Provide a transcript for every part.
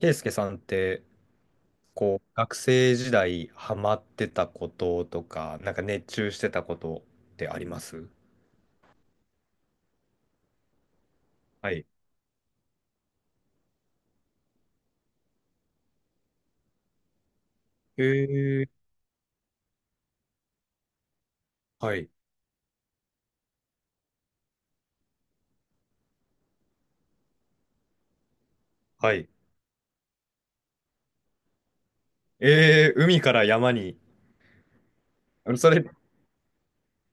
ケイスケさんって、こう、学生時代ハマってたこととか、なんか熱中してたことってあります？はい。えー、はい。はい。えー、海から山に。あのそれ、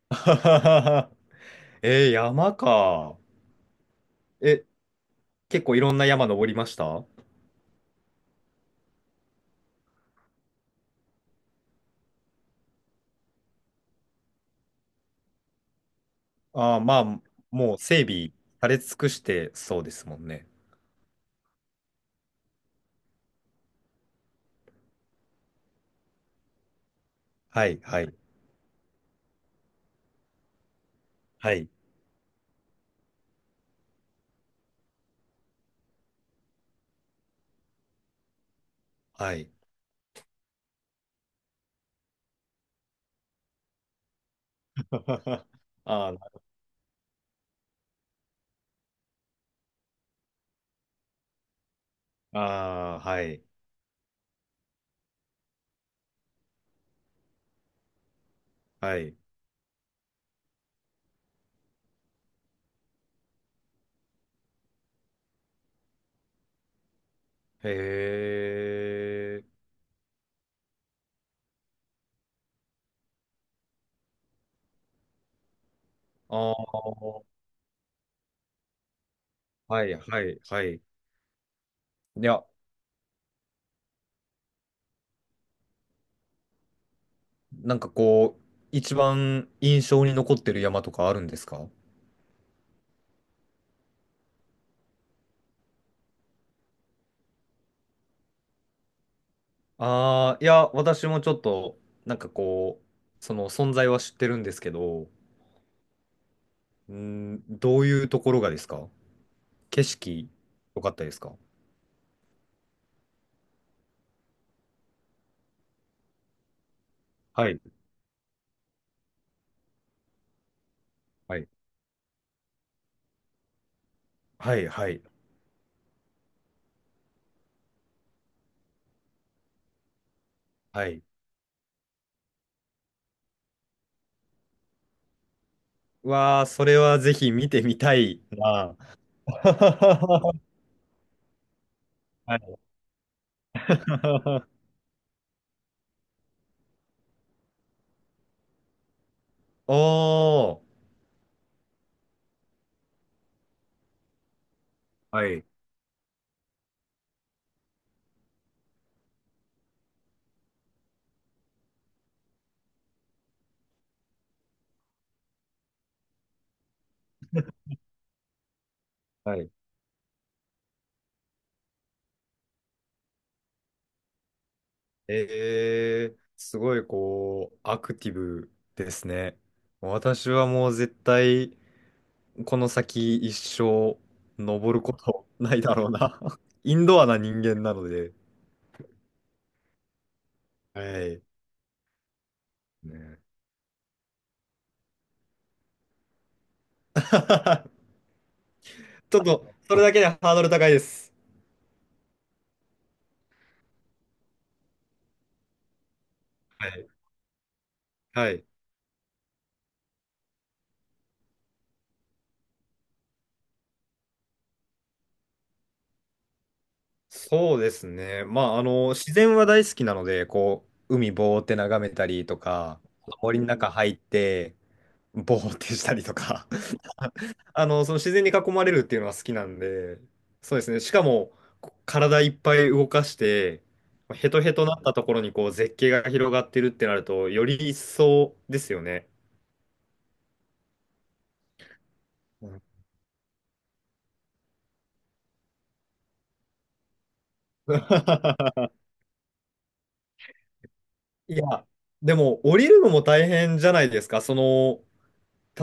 あはははえー、山か。え、結構いろんな山登りましたあ？あー、まあ、もう整備され尽くしてそうですもんね。はい、はい、はい、はい。あー、あー、はい、はい。へえ。ああ、はいはいはい。いや、なんかこう、一番印象に残ってる山とかあるんですか？ああー、いや、私もちょっと、なんかこう、その存在は知ってるんですけど、うん、どういうところがですか？景色、良かったですか？はい、はい、はい、はい、はい。わあ、それはぜひ見てみたいな。はい。おー、はい。はい。えー、すごいこう、アクティブですね。私はもう絶対、この先一生、登ることないだろうな。インドアな人間なので。はい。ね。 ちょっと、それだけでハードル高いです。はい。はい。そうですね。まあ、あの、自然は大好きなので、こう、海ぼーって眺めたりとか、森の中入って、ぼーってしたりとか あの、その自然に囲まれるっていうのは好きなんで、そうですね。しかも、こ体いっぱい動かして、ヘトヘトなったところにこう絶景が広がってるってなると、より一層ですよね。うん。 いや、でも降りるのも大変じゃないですか？その、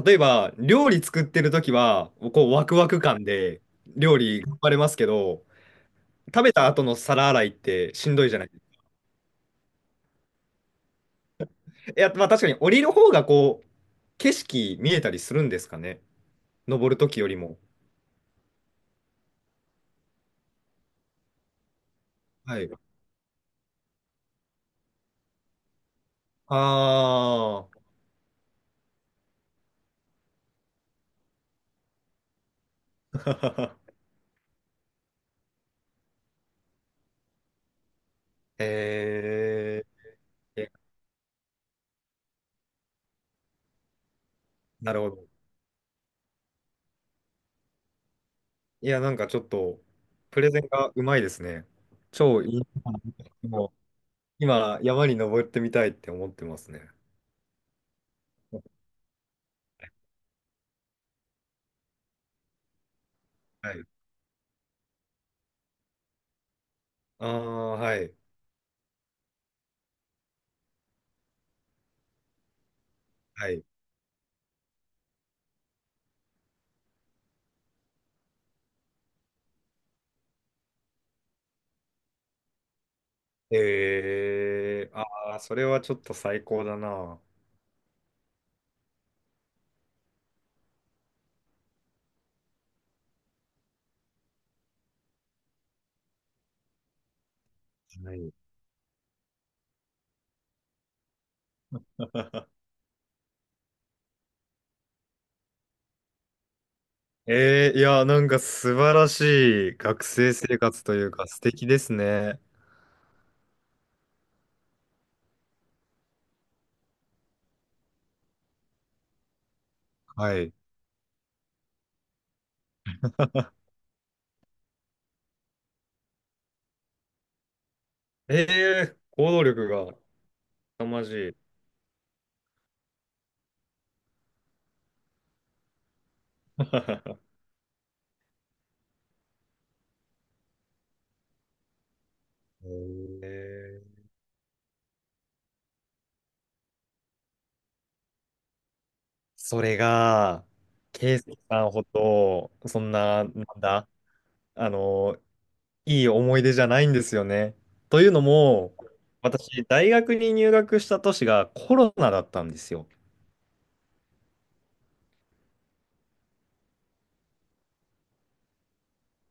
例えば料理作ってる時は、こうワクワク感で料理頑張れますけど、食べた後の皿洗いってしんどいじゃないですか？いや、まあ確かに降りる方がこう、景色見えたりするんですかね。登るときよりも。はい。ああ。えー、え、なるほど。いや、なんかちょっと、プレゼンがうまいですね。超いい。もう今、山に登ってみたいって思ってますね。はい。ああ、はい。はい。えー、ああ、それはちょっと最高だな。はい。えー、いや、なんか素晴らしい学生生活というか素敵ですね。はい。えー、行動力が凄まじい。えーそれが、ケイスケさんほど、そんな、なんだ、あの、いい思い出じゃないんですよね。というのも、私、大学に入学した年がコロナだったんですよ。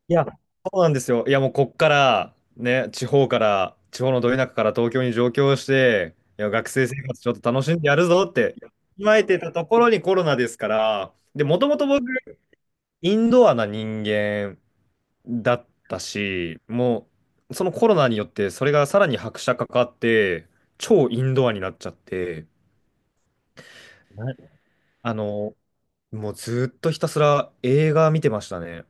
いや、そうなんですよ。いや、もうこっから、ね、地方から、地方のど田舎から東京に上京して、いや、学生生活ちょっと楽しんでやるぞって、考えてたところにコロナですから、で、もともと僕、インドアな人間だったし、もう、そのコロナによって、それがさらに拍車かかって、超インドアになっちゃって、はい。あの、もうずっとひたすら映画見てましたね。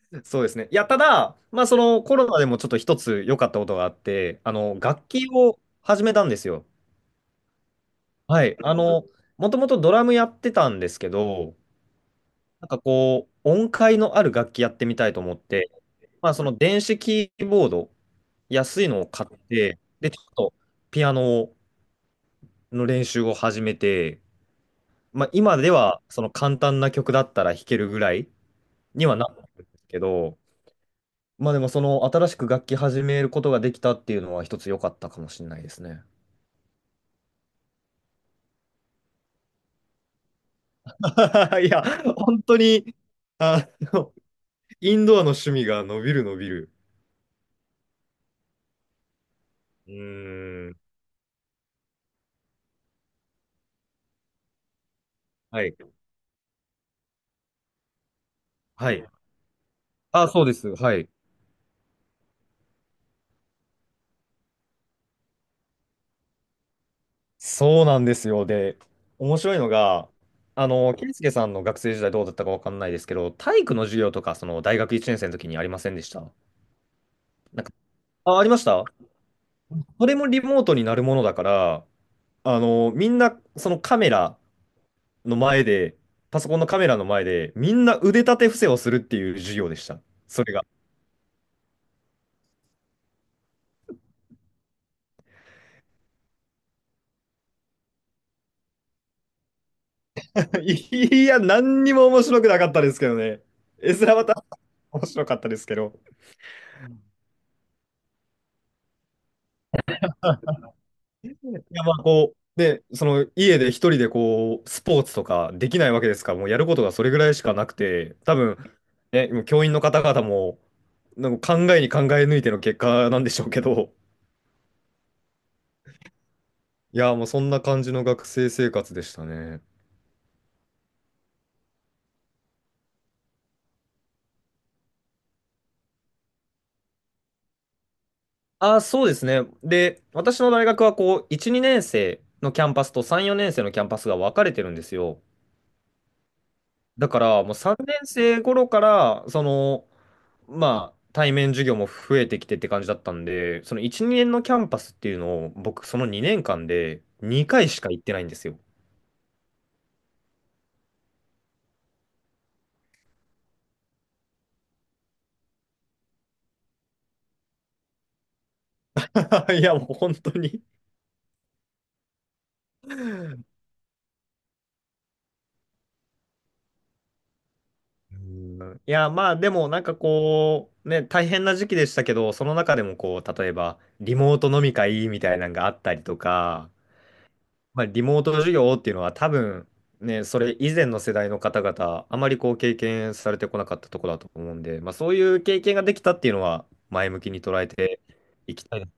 そうですね。いや、ただ、まあ、そのコロナでもちょっと一つ良かったことがあって、あの、楽器を始めたんですよ。はい。あの、もともとドラムやってたんですけど、なんかこう、音階のある楽器やってみたいと思って、まあ、その電子キーボード、安いのを買って、で、ちょっとピアノの練習を始めて、まあ、今ではその簡単な曲だったら弾けるぐらいにはなったんですけど、まあでもその新しく楽器始めることができたっていうのは一つ良かったかもしれないですね。いや、本当に、あの、インドアの趣味が伸びる伸びる。うーん。はい。はい。あ、そうです。はい。そうなんですよ。で、面白いのが、あの、圭介さんの学生時代どうだったかわかんないですけど、体育の授業とか、その大学1年生の時にありませんでした？なんか、あ、ありました？それもリモートになるものだから、あの、みんな、そのカメラの前で、パソコンのカメラの前で、みんな腕立て伏せをするっていう授業でした。それが。いや、何にも面白くなかったですけどね。絵面はた 面白かったですけど。いや、まあ、こう、で、その、家で一人でこう、スポーツとかできないわけですから、もうやることがそれぐらいしかなくて、多分、ね、もう教員の方々も、なんか考えに考え抜いての結果なんでしょうけど、いや、もうそんな感じの学生生活でしたね。あ、そうですね。で、私の大学はこう、1、2年生のキャンパスと3、4年生のキャンパスが分かれてるんですよ。だから、もう3年生頃から、その、まあ、対面授業も増えてきてって感じだったんで、その1、2年のキャンパスっていうのを、僕、その2年間で2回しか行ってないんですよ。いや、もう本当に。うん。いや、まあでもなんかこう、ね、大変な時期でしたけど、その中でもこう、例えばリモート飲み会みたいなのがあったりとか、まあ、リモート授業っていうのは多分ね、それ以前の世代の方々、あまりこう経験されてこなかったところだと思うんで、まあ、そういう経験ができたっていうのは前向きに捉えていきたいな。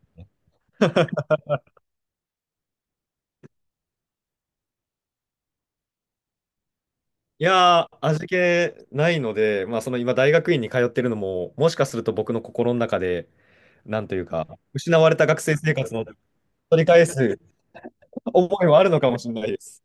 いやー、味気ないので、まあ、その今大学院に通ってるのも、もしかすると僕の心の中で、なんというか、失われた学生生活の取り返す思いもあるのかもしれないです。